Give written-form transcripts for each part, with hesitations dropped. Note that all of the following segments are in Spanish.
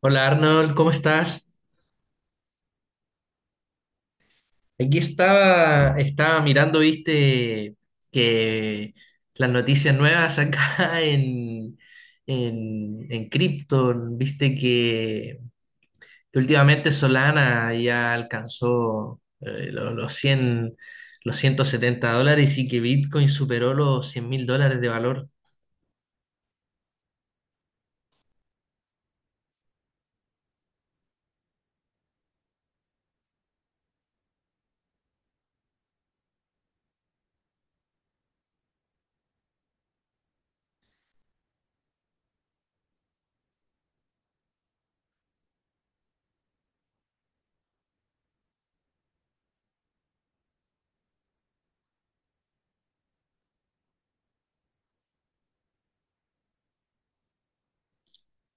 Hola Arnold, ¿cómo estás? Aquí estaba mirando, viste, que las noticias nuevas acá en cripto, viste que últimamente Solana ya alcanzó 100 los 170 dólares y que Bitcoin superó los 100.000 dólares de valor.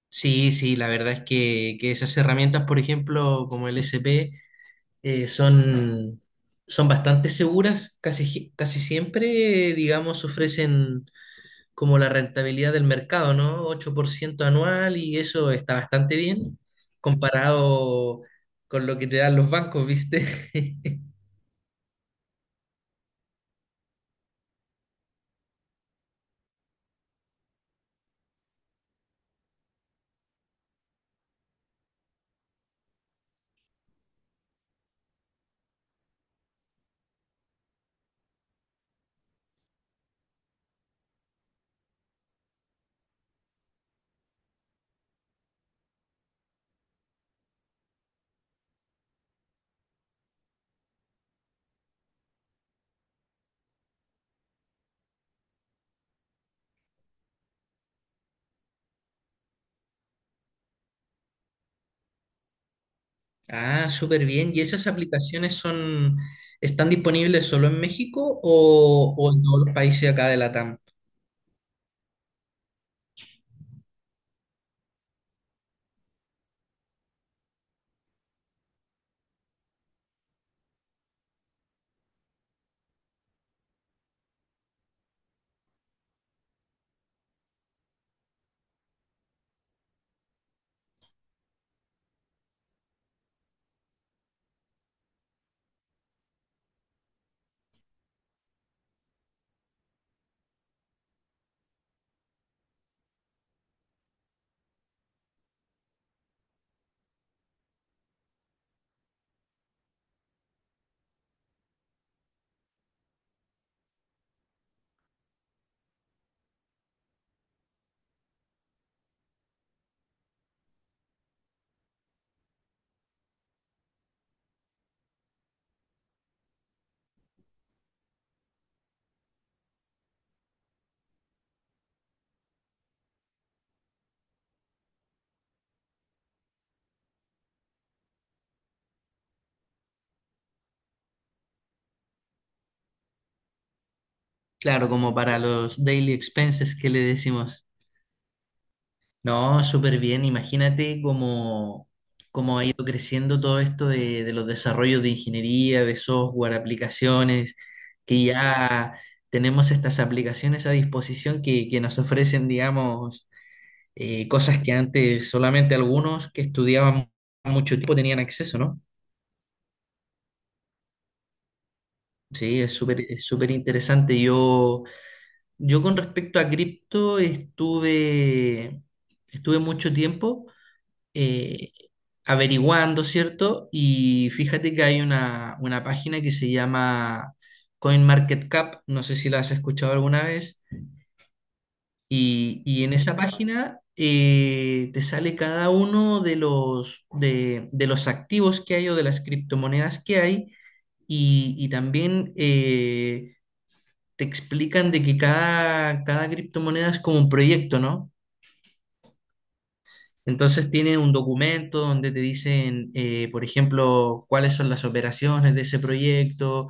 Sí, sí, la verdad es que esas herramientas, por ejemplo, como el SP, eh, son, son bastante seguras, casi, casi siempre, digamos, ofrecen como la rentabilidad del mercado, ¿no? 8% anual y eso está bastante bien comparado con lo que te dan los bancos, ¿viste? Ah, súper bien. ¿Y esas aplicaciones son, están disponibles solo en México o en todos los países acá de Latam? Claro, como para los daily expenses que le decimos. No, súper bien. Imagínate cómo, cómo ha ido creciendo todo esto de los desarrollos de ingeniería, de software, aplicaciones, que ya tenemos estas aplicaciones a disposición que nos ofrecen, digamos, cosas que antes solamente algunos que estudiaban mucho tiempo tenían acceso, ¿no? Sí, es súper interesante. Yo con respecto a cripto estuve mucho tiempo. eh, Averiguando, ¿cierto? Y fíjate que hay una página que se llama CoinMarketCap, no sé si la has escuchado alguna vez, y en esa página te sale cada uno de los activos que hay o de las criptomonedas que hay, y también te explican de que cada criptomoneda es como un proyecto, ¿no? Entonces tienen un documento donde te dicen, por ejemplo, cuáles son las operaciones de ese proyecto,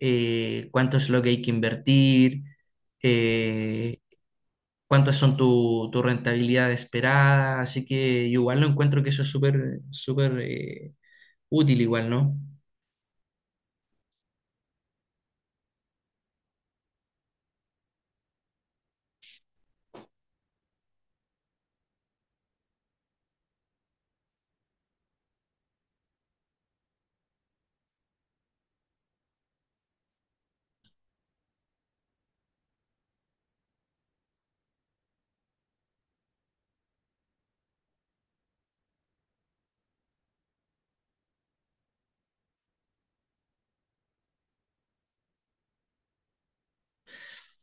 cuánto es lo que hay que invertir, eh, cuántas son tu, tu rentabilidad esperada. Así que yo igual lo encuentro que eso es súper, súper útil igual, ¿no?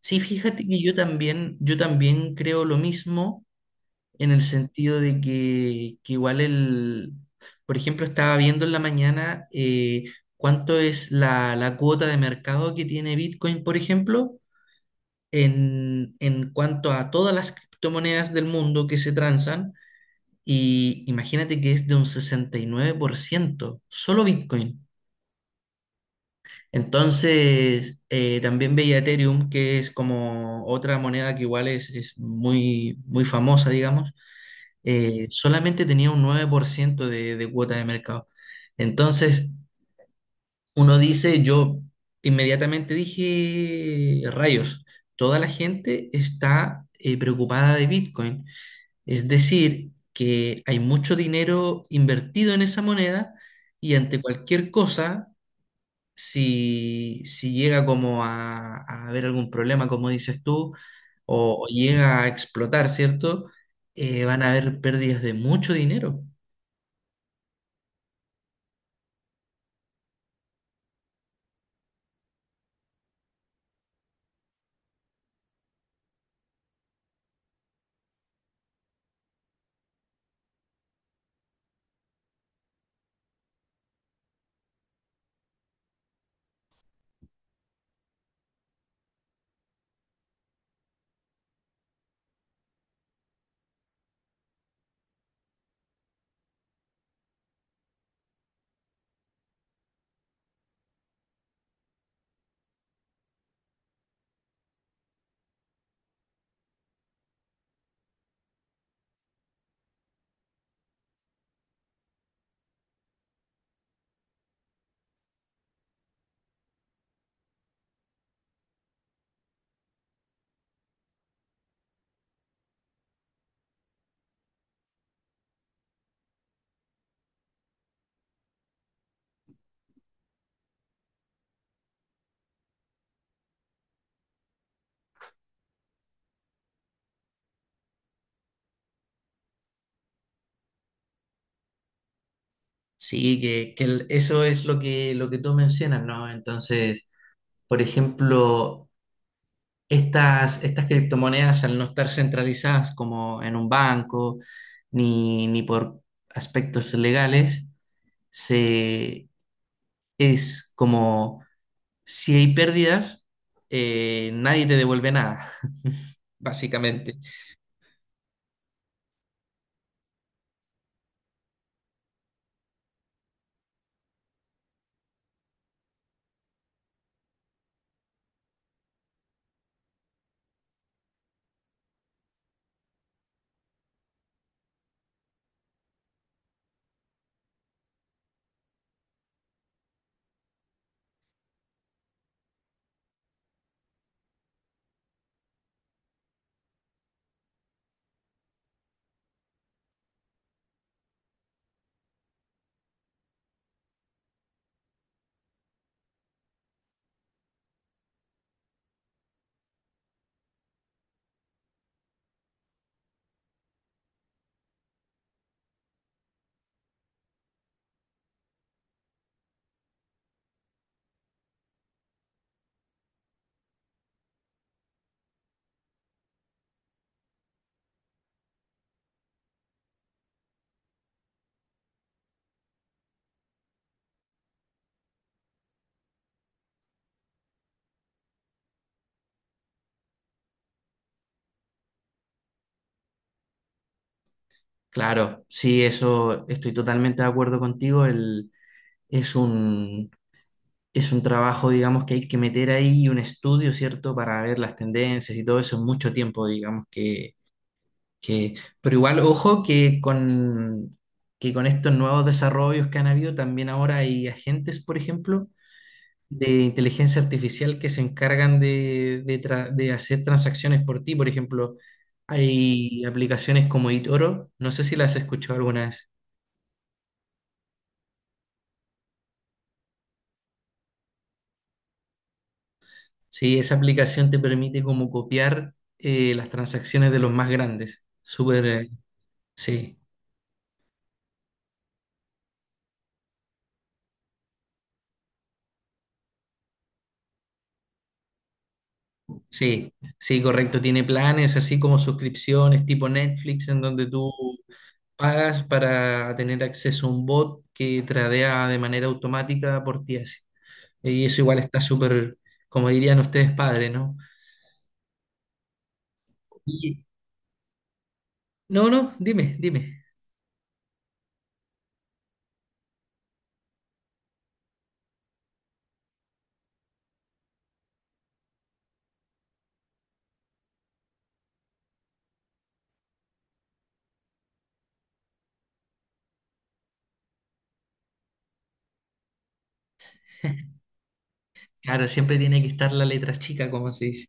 Sí, fíjate que yo también creo lo mismo. En el sentido de que igual el, por ejemplo, estaba viendo en la mañana cuánto es la, la cuota de mercado que tiene Bitcoin, por ejemplo, en cuanto a todas las criptomonedas del mundo que se transan, y imagínate que es de un 69%, solo Bitcoin. Entonces, también veía Ethereum, que es como otra moneda que igual es muy, muy famosa, digamos solamente tenía un 9% de cuota de mercado. Entonces, uno dice, yo inmediatamente dije, rayos, toda la gente está preocupada de Bitcoin. Es decir, que hay mucho dinero invertido en esa moneda y ante cualquier cosa, si, si llega como a haber algún problema, como dices tú, o llega a explotar, ¿cierto? Van a haber pérdidas de mucho dinero. Sí, que eso es lo que tú mencionas, ¿no? Entonces, por ejemplo, estas criptomonedas al no estar centralizadas como en un banco ni, ni por aspectos legales, se, es como si hay pérdidas, nadie te devuelve nada, básicamente. Claro, sí, eso estoy totalmente de acuerdo contigo. El, es un, es un trabajo, digamos, que hay que meter ahí un estudio, ¿cierto? Para ver las tendencias y todo eso es mucho tiempo, digamos, que... Pero igual, ojo que con estos nuevos desarrollos que han habido, también ahora hay agentes, por ejemplo, de inteligencia artificial que se encargan de, de hacer transacciones por ti. Por ejemplo, hay aplicaciones como eToro, no sé si las has escuchado alguna vez. Sí, esa aplicación te permite como copiar las transacciones de los más grandes. Súper, sí, sí, sí, correcto. Tiene planes así como suscripciones tipo Netflix en donde tú pagas para tener acceso a un bot que tradea de manera automática por ti así. Y eso igual está súper, como dirían ustedes, padre, ¿no? Y, no, no, dime, dime. Claro, siempre tiene que estar la letra chica, como se dice.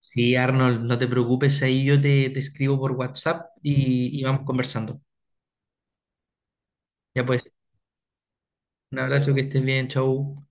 Sí, Arnold, no te preocupes, ahí yo te, te escribo por WhatsApp y vamos conversando. Ya pues, un abrazo, que estés bien, chau.